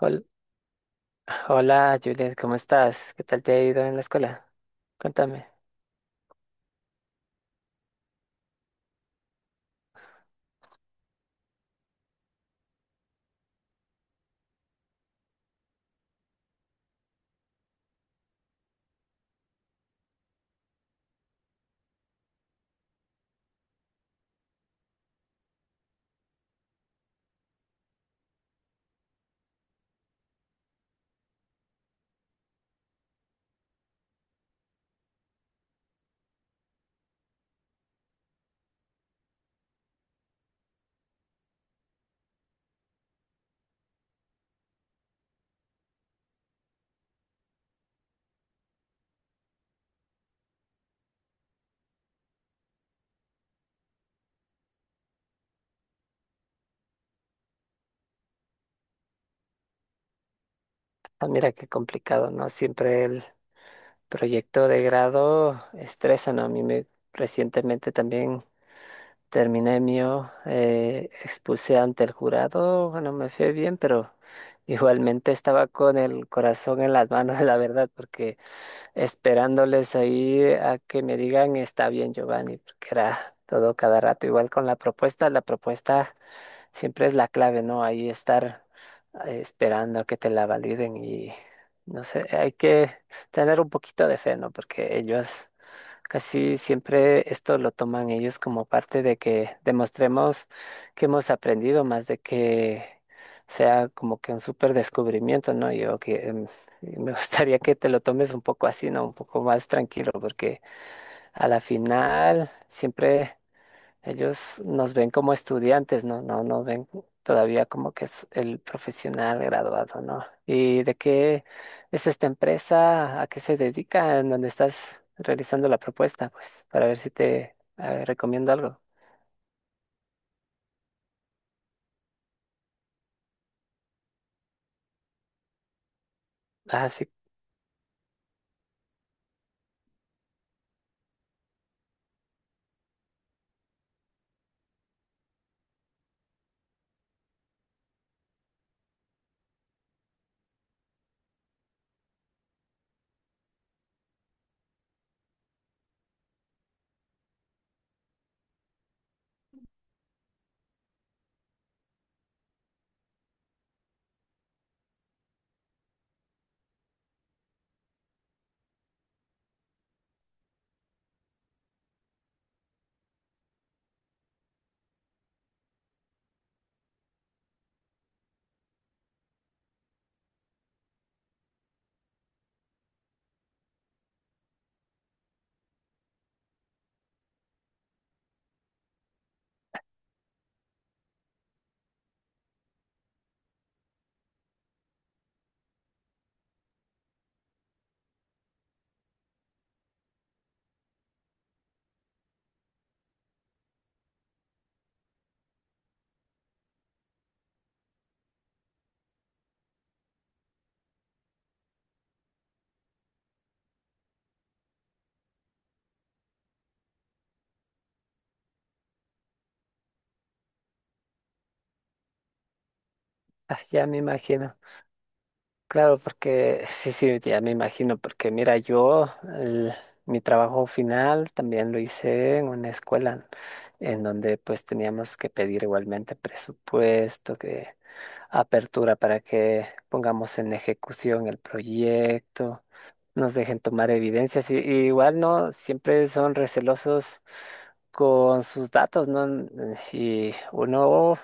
Hol- Hola, Juliet, ¿cómo estás? ¿Qué tal te ha ido en la escuela? Cuéntame. Ah, mira qué complicado, ¿no? Siempre el proyecto de grado estresa, ¿no? A mí me recientemente también terminé mío, expuse ante el jurado, bueno, me fue bien, pero igualmente estaba con el corazón en las manos, la verdad, porque esperándoles ahí a que me digan está bien, Giovanni, porque era todo cada rato, igual con la propuesta, la propuesta. Siempre es la clave, ¿no? Ahí estar esperando a que te la validen y no sé, hay que tener un poquito de fe, ¿no? Porque ellos casi siempre esto lo toman ellos como parte de que demostremos que hemos aprendido más de que sea como que un súper descubrimiento, ¿no? Yo que me gustaría que te lo tomes un poco así, ¿no? Un poco más tranquilo, porque a la final siempre. Ellos nos ven como estudiantes, ¿no? No ven todavía como que es el profesional graduado, ¿no? ¿Y de qué es esta empresa? ¿A qué se dedica? ¿En dónde estás realizando la propuesta? Pues para ver si te recomiendo algo. Ah, sí, ah, ya me imagino. Claro, porque sí, sí, ya me imagino, porque mira, yo el- mi trabajo final también lo hice en una escuela en donde pues teníamos que pedir igualmente presupuesto, apertura para que pongamos en ejecución el proyecto, nos dejen tomar evidencias y igual no, siempre son recelosos con sus datos, ¿no? Mm, y uno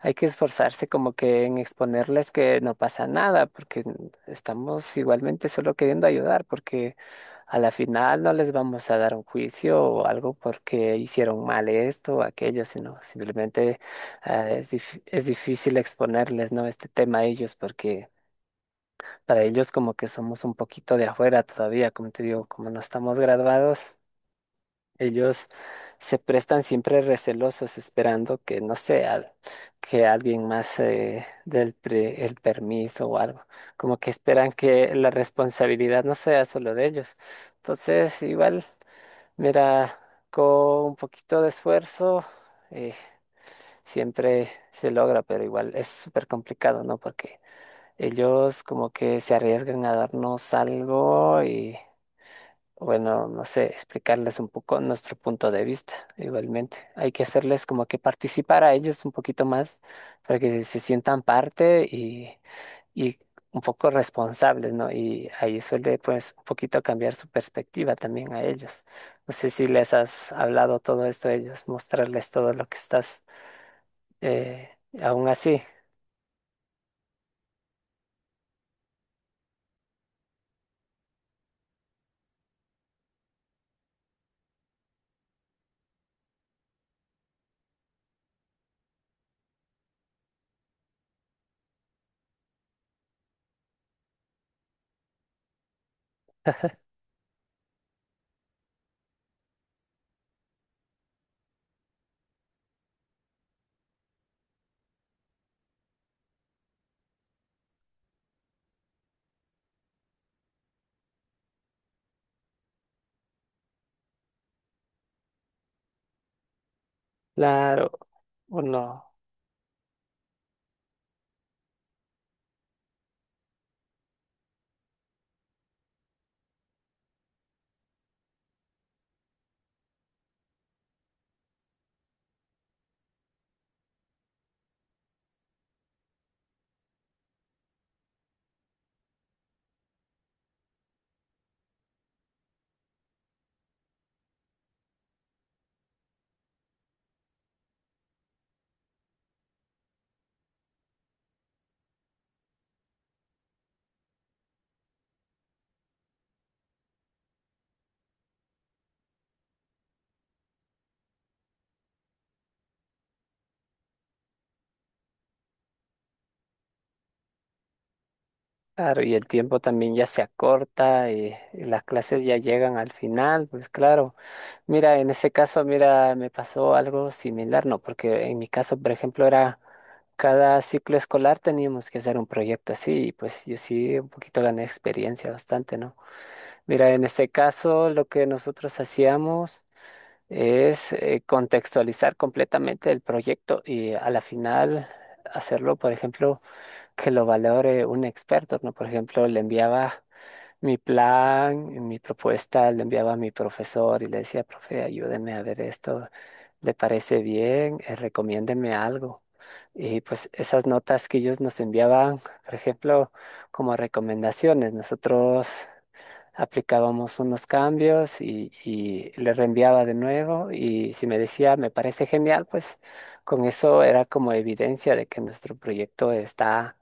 hay que esforzarse como que en exponerles que no pasa nada, porque estamos igualmente solo queriendo ayudar, porque a la final no les vamos a dar un juicio o algo porque hicieron mal esto o aquello, sino simplemente. Ah, es difícil exponerles, ¿no? Este tema a ellos porque para ellos como que somos un poquito de afuera todavía, como te digo, como no estamos graduados, ellos se prestan siempre recelosos esperando que, no sé, que alguien más el permiso o algo, como que esperan que la responsabilidad no sea solo de ellos. Entonces, igual, mira, con un poquito de esfuerzo. eh, Siempre se logra, pero igual es súper complicado, ¿no? Porque ellos como que se arriesgan a darnos algo y, bueno, no sé, explicarles un poco nuestro punto de vista, igualmente. Hay que hacerles como que participar a ellos un poquito más para que se sientan parte y un poco responsables, ¿no? Y ahí suele pues un poquito cambiar su perspectiva también a ellos. No sé si les has hablado todo esto a ellos, mostrarles todo lo que estás eh, aún así, claro, uno, claro, y el tiempo también ya se acorta y las clases ya llegan al final, pues claro, mira, en ese caso, mira, me pasó algo similar, ¿no? Porque en mi caso, por ejemplo, era cada ciclo escolar teníamos que hacer un proyecto así, y pues yo sí un poquito gané experiencia bastante, ¿no? Mira, en este caso, lo que nosotros hacíamos es contextualizar completamente el proyecto y a la final hacerlo, por ejemplo, que lo valore un experto, ¿no? Por ejemplo, le enviaba mi plan, mi propuesta, le enviaba a mi profesor y le decía, profe, ayúdeme a ver esto, ¿le parece bien? Recomiéndeme algo. Y pues esas notas que ellos nos enviaban, por ejemplo, como recomendaciones, nosotros aplicábamos unos cambios y le reenviaba de nuevo y si me decía, me parece genial, pues con eso era como evidencia de que nuestro proyecto está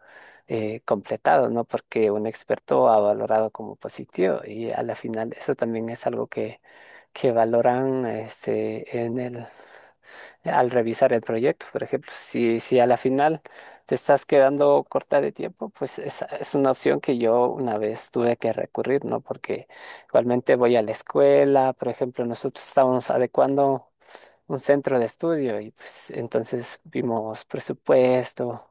completado, ¿no? Porque un experto ha valorado como positivo y a la final eso también es algo que valoran este, en el al revisar el proyecto. Por ejemplo, si a la final te estás quedando corta de tiempo, pues esa es una opción que yo una vez tuve que recurrir, ¿no? Porque igualmente voy a la escuela, por ejemplo, nosotros estábamos adecuando un centro de estudio y pues entonces vimos presupuesto.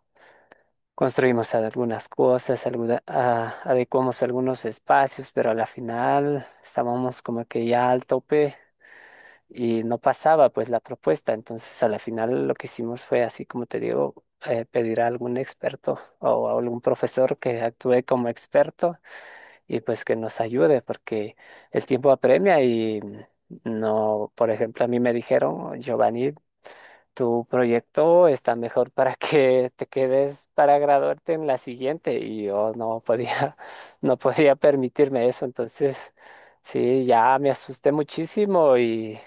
Construimos algunas cosas, adecuamos algunos espacios, pero a la final estábamos como que ya al tope y no pasaba pues la propuesta. Entonces a la final lo que hicimos fue así como te digo, pedir a algún experto o a algún profesor que actúe como experto y pues que nos ayude porque el tiempo apremia y no, por ejemplo, a mí me dijeron, Giovanni, tu proyecto está mejor para que te quedes para graduarte en la siguiente y yo no podía, no podía permitirme eso, entonces sí, ya me asusté muchísimo y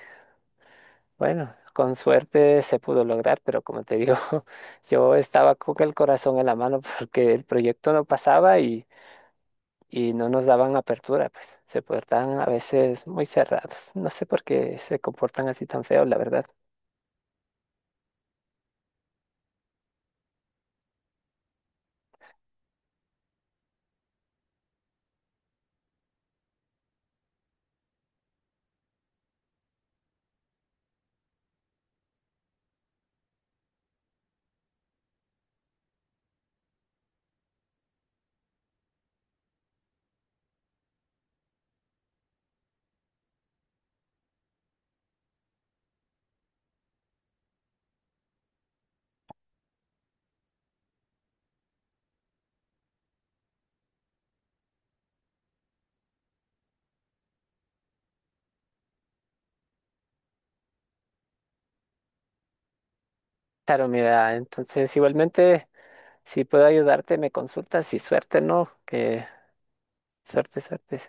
bueno, con suerte se pudo lograr, pero como te digo, yo estaba con el corazón en la mano porque el proyecto no pasaba y no nos daban apertura, pues se portaban a veces muy cerrados. No sé por qué se comportan así tan feos, la verdad. Claro, mira, entonces igualmente, si puedo ayudarte, me consultas y suerte, ¿no? Que suerte, suerte.